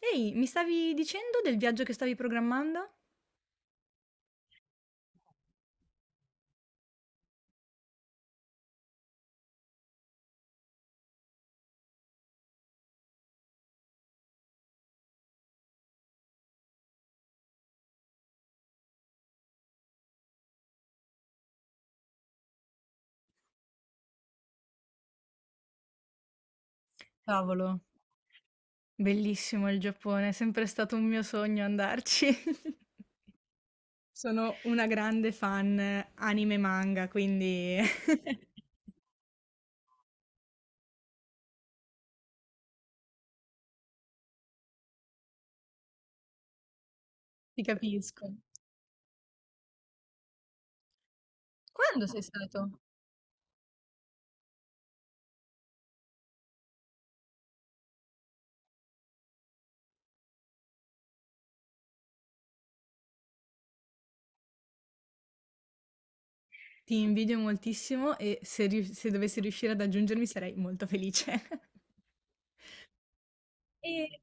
Ehi, mi stavi dicendo del viaggio che stavi programmando? Cavolo, bellissimo il Giappone, è sempre stato un mio sogno andarci. Sono una grande fan anime e manga, quindi Ti capisco. Quando sei stato? Ti invidio moltissimo e se dovessi riuscire ad aggiungermi sarei molto felice. E...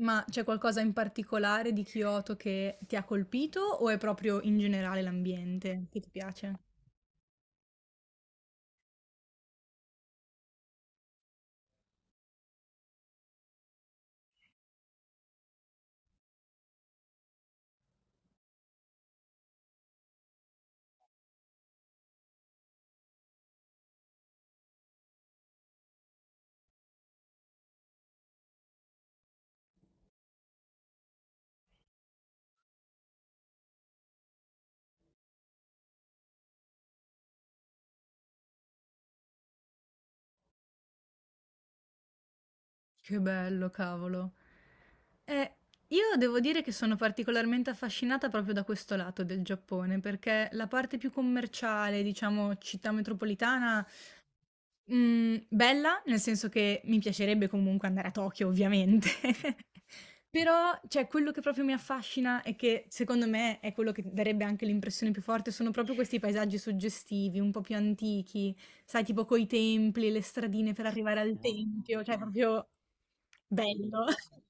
Ma c'è qualcosa in particolare di Kyoto che ti ha colpito o è proprio in generale l'ambiente che ti piace? Che bello, cavolo. Eh, io devo dire che sono particolarmente affascinata proprio da questo lato del Giappone, perché la parte più commerciale, diciamo città metropolitana, mhmm, bella, nel senso che mi piacerebbe comunque andare a Tokyo ovviamente, però cioè quello che proprio mi affascina e che secondo me è quello che darebbe anche l'impressione più forte, sono proprio questi paesaggi suggestivi, un po' più antichi, sai tipo coi templi, le stradine per arrivare al tempio, cioè ah, proprio bello.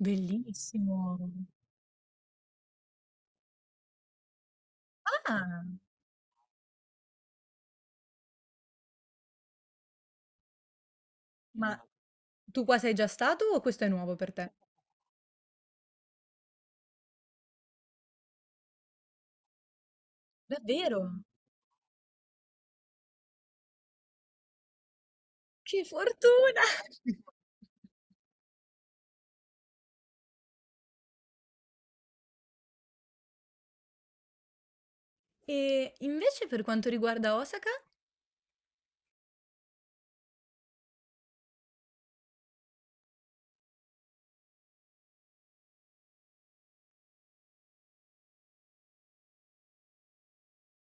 Bellissimo. Ah, ma tu qua sei già stato o questo è nuovo per te? Davvero? Che fortuna! E invece per quanto riguarda Osaka?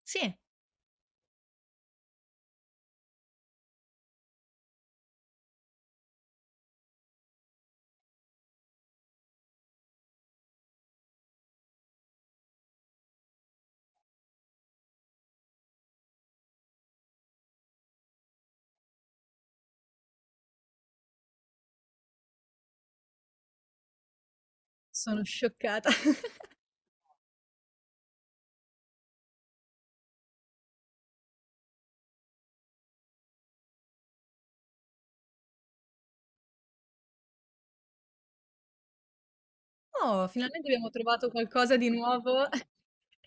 Sì. Sono scioccata. Oh, finalmente abbiamo trovato qualcosa di nuovo.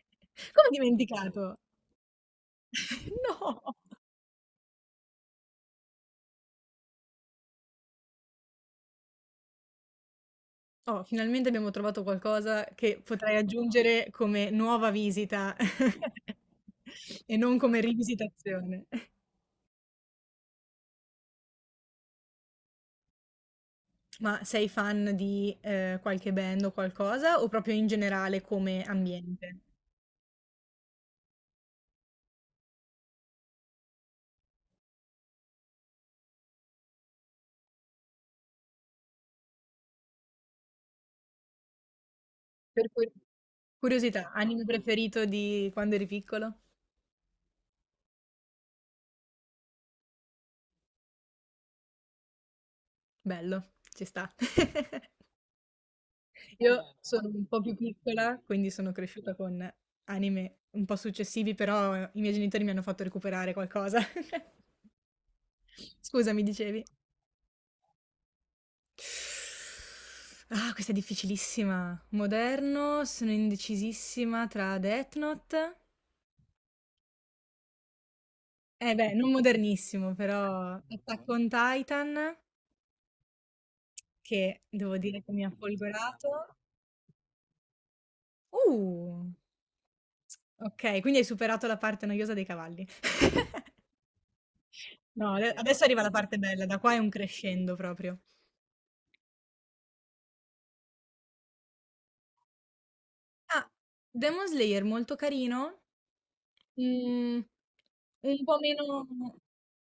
Come ho dimenticato? No! Oh, finalmente abbiamo trovato qualcosa che potrei aggiungere come nuova visita, e non come rivisitazione. Ma sei fan di, qualche band o qualcosa o proprio in generale come ambiente? Per cui curiosità, anime preferito di quando eri piccolo? Bello, ci sta. Eh, io beh, sono un po' più piccola, quindi sono cresciuta con anime un po' successivi, però i miei genitori mi hanno fatto recuperare qualcosa. Scusa, mi dicevi? Ah, questa è difficilissima. Moderno, sono indecisissima tra Death Note. Eh beh, non modernissimo, però Attack on Titan, che devo dire che mi ha folgorato. Uh, ok, quindi hai superato la parte noiosa dei cavalli. No, adesso arriva la parte bella, da qua è un crescendo proprio. Ah, Demon Slayer molto carino, mm, un po' meno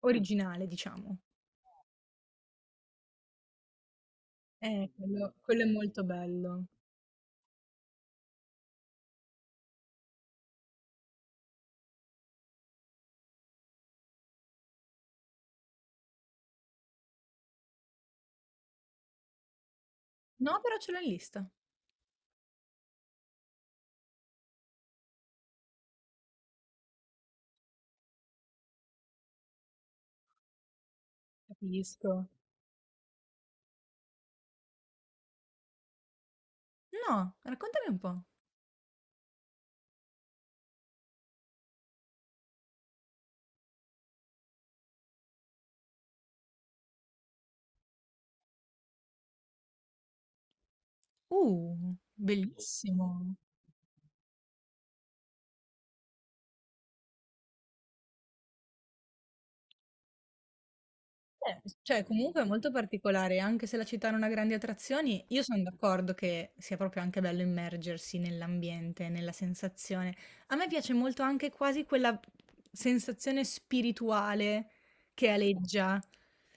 originale, diciamo. Quello, quello è molto bello. No, però ce l'ho in lista. Capisco. No, raccontami un po'. Bellissimo. Cioè comunque è molto particolare, anche se la città non ha grandi attrazioni, io sono d'accordo che sia proprio anche bello immergersi nell'ambiente, nella sensazione. A me piace molto anche quasi quella sensazione spirituale che aleggia.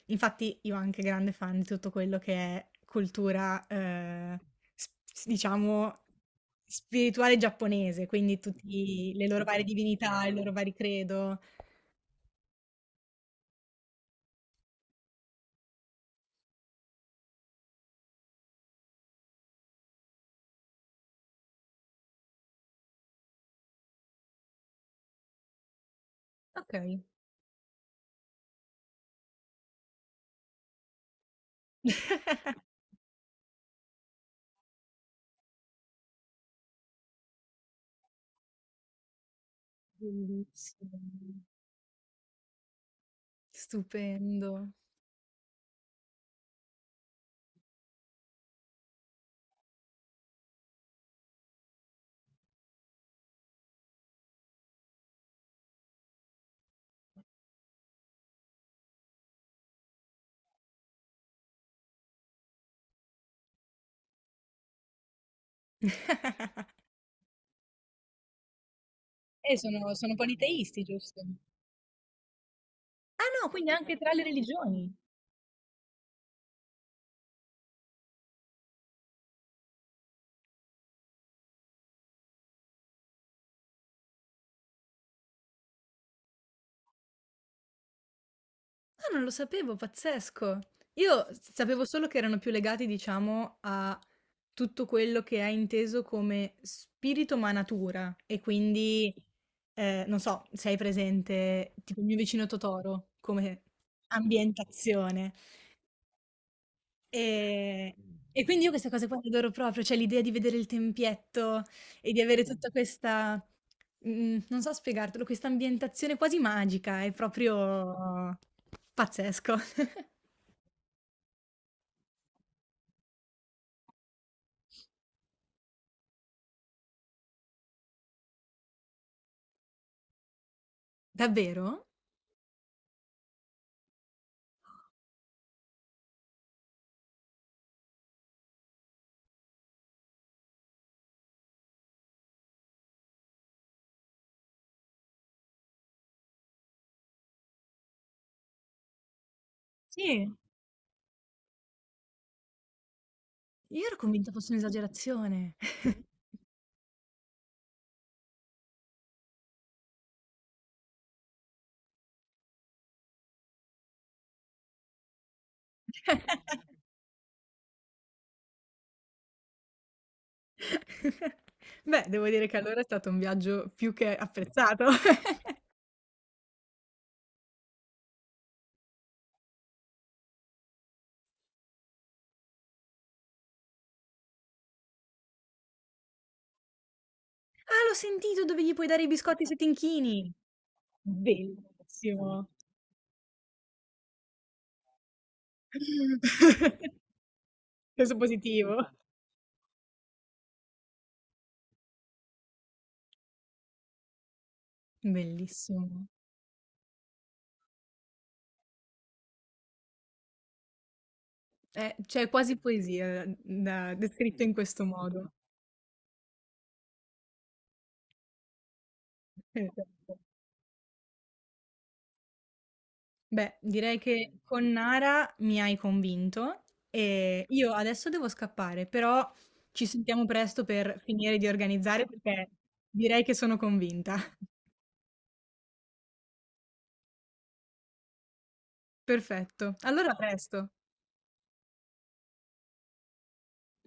Infatti io anche grande fan di tutto quello che è cultura, s- diciamo, spirituale giapponese, quindi tutte le loro varie divinità, i loro vari credo. Ok. Bellissimo, stupendo. Sono politeisti, giusto? Ah no, quindi anche tra le religioni. Ah, non lo sapevo, pazzesco. Sapevo solo che erano più legati, diciamo, a tutto quello che è inteso come spirito ma natura. E quindi, non so, sei presente, tipo Il mio vicino Totoro, come ambientazione. Ehm, e quindi io queste cose qua le adoro proprio, cioè l'idea di vedere il tempietto e di avere tutta questa mhmm, non so spiegartelo, questa ambientazione quasi magica, è proprio pazzesco. Davvero? Sì, io ero convinta fosse un'esagerazione. Beh, devo dire che allora è stato un viaggio più che apprezzato. Ah, l'ho sentito, dove gli puoi dare i biscotti se ti inchini. Bellissimo. Peso positivo. Bellissimo. C'è quasi poesia da descritto in questo modo. Esatto. Beh, direi che con Nara mi hai convinto e io adesso devo scappare, però ci sentiamo presto per finire di organizzare perché direi che sono convinta. Perfetto. Allora a presto.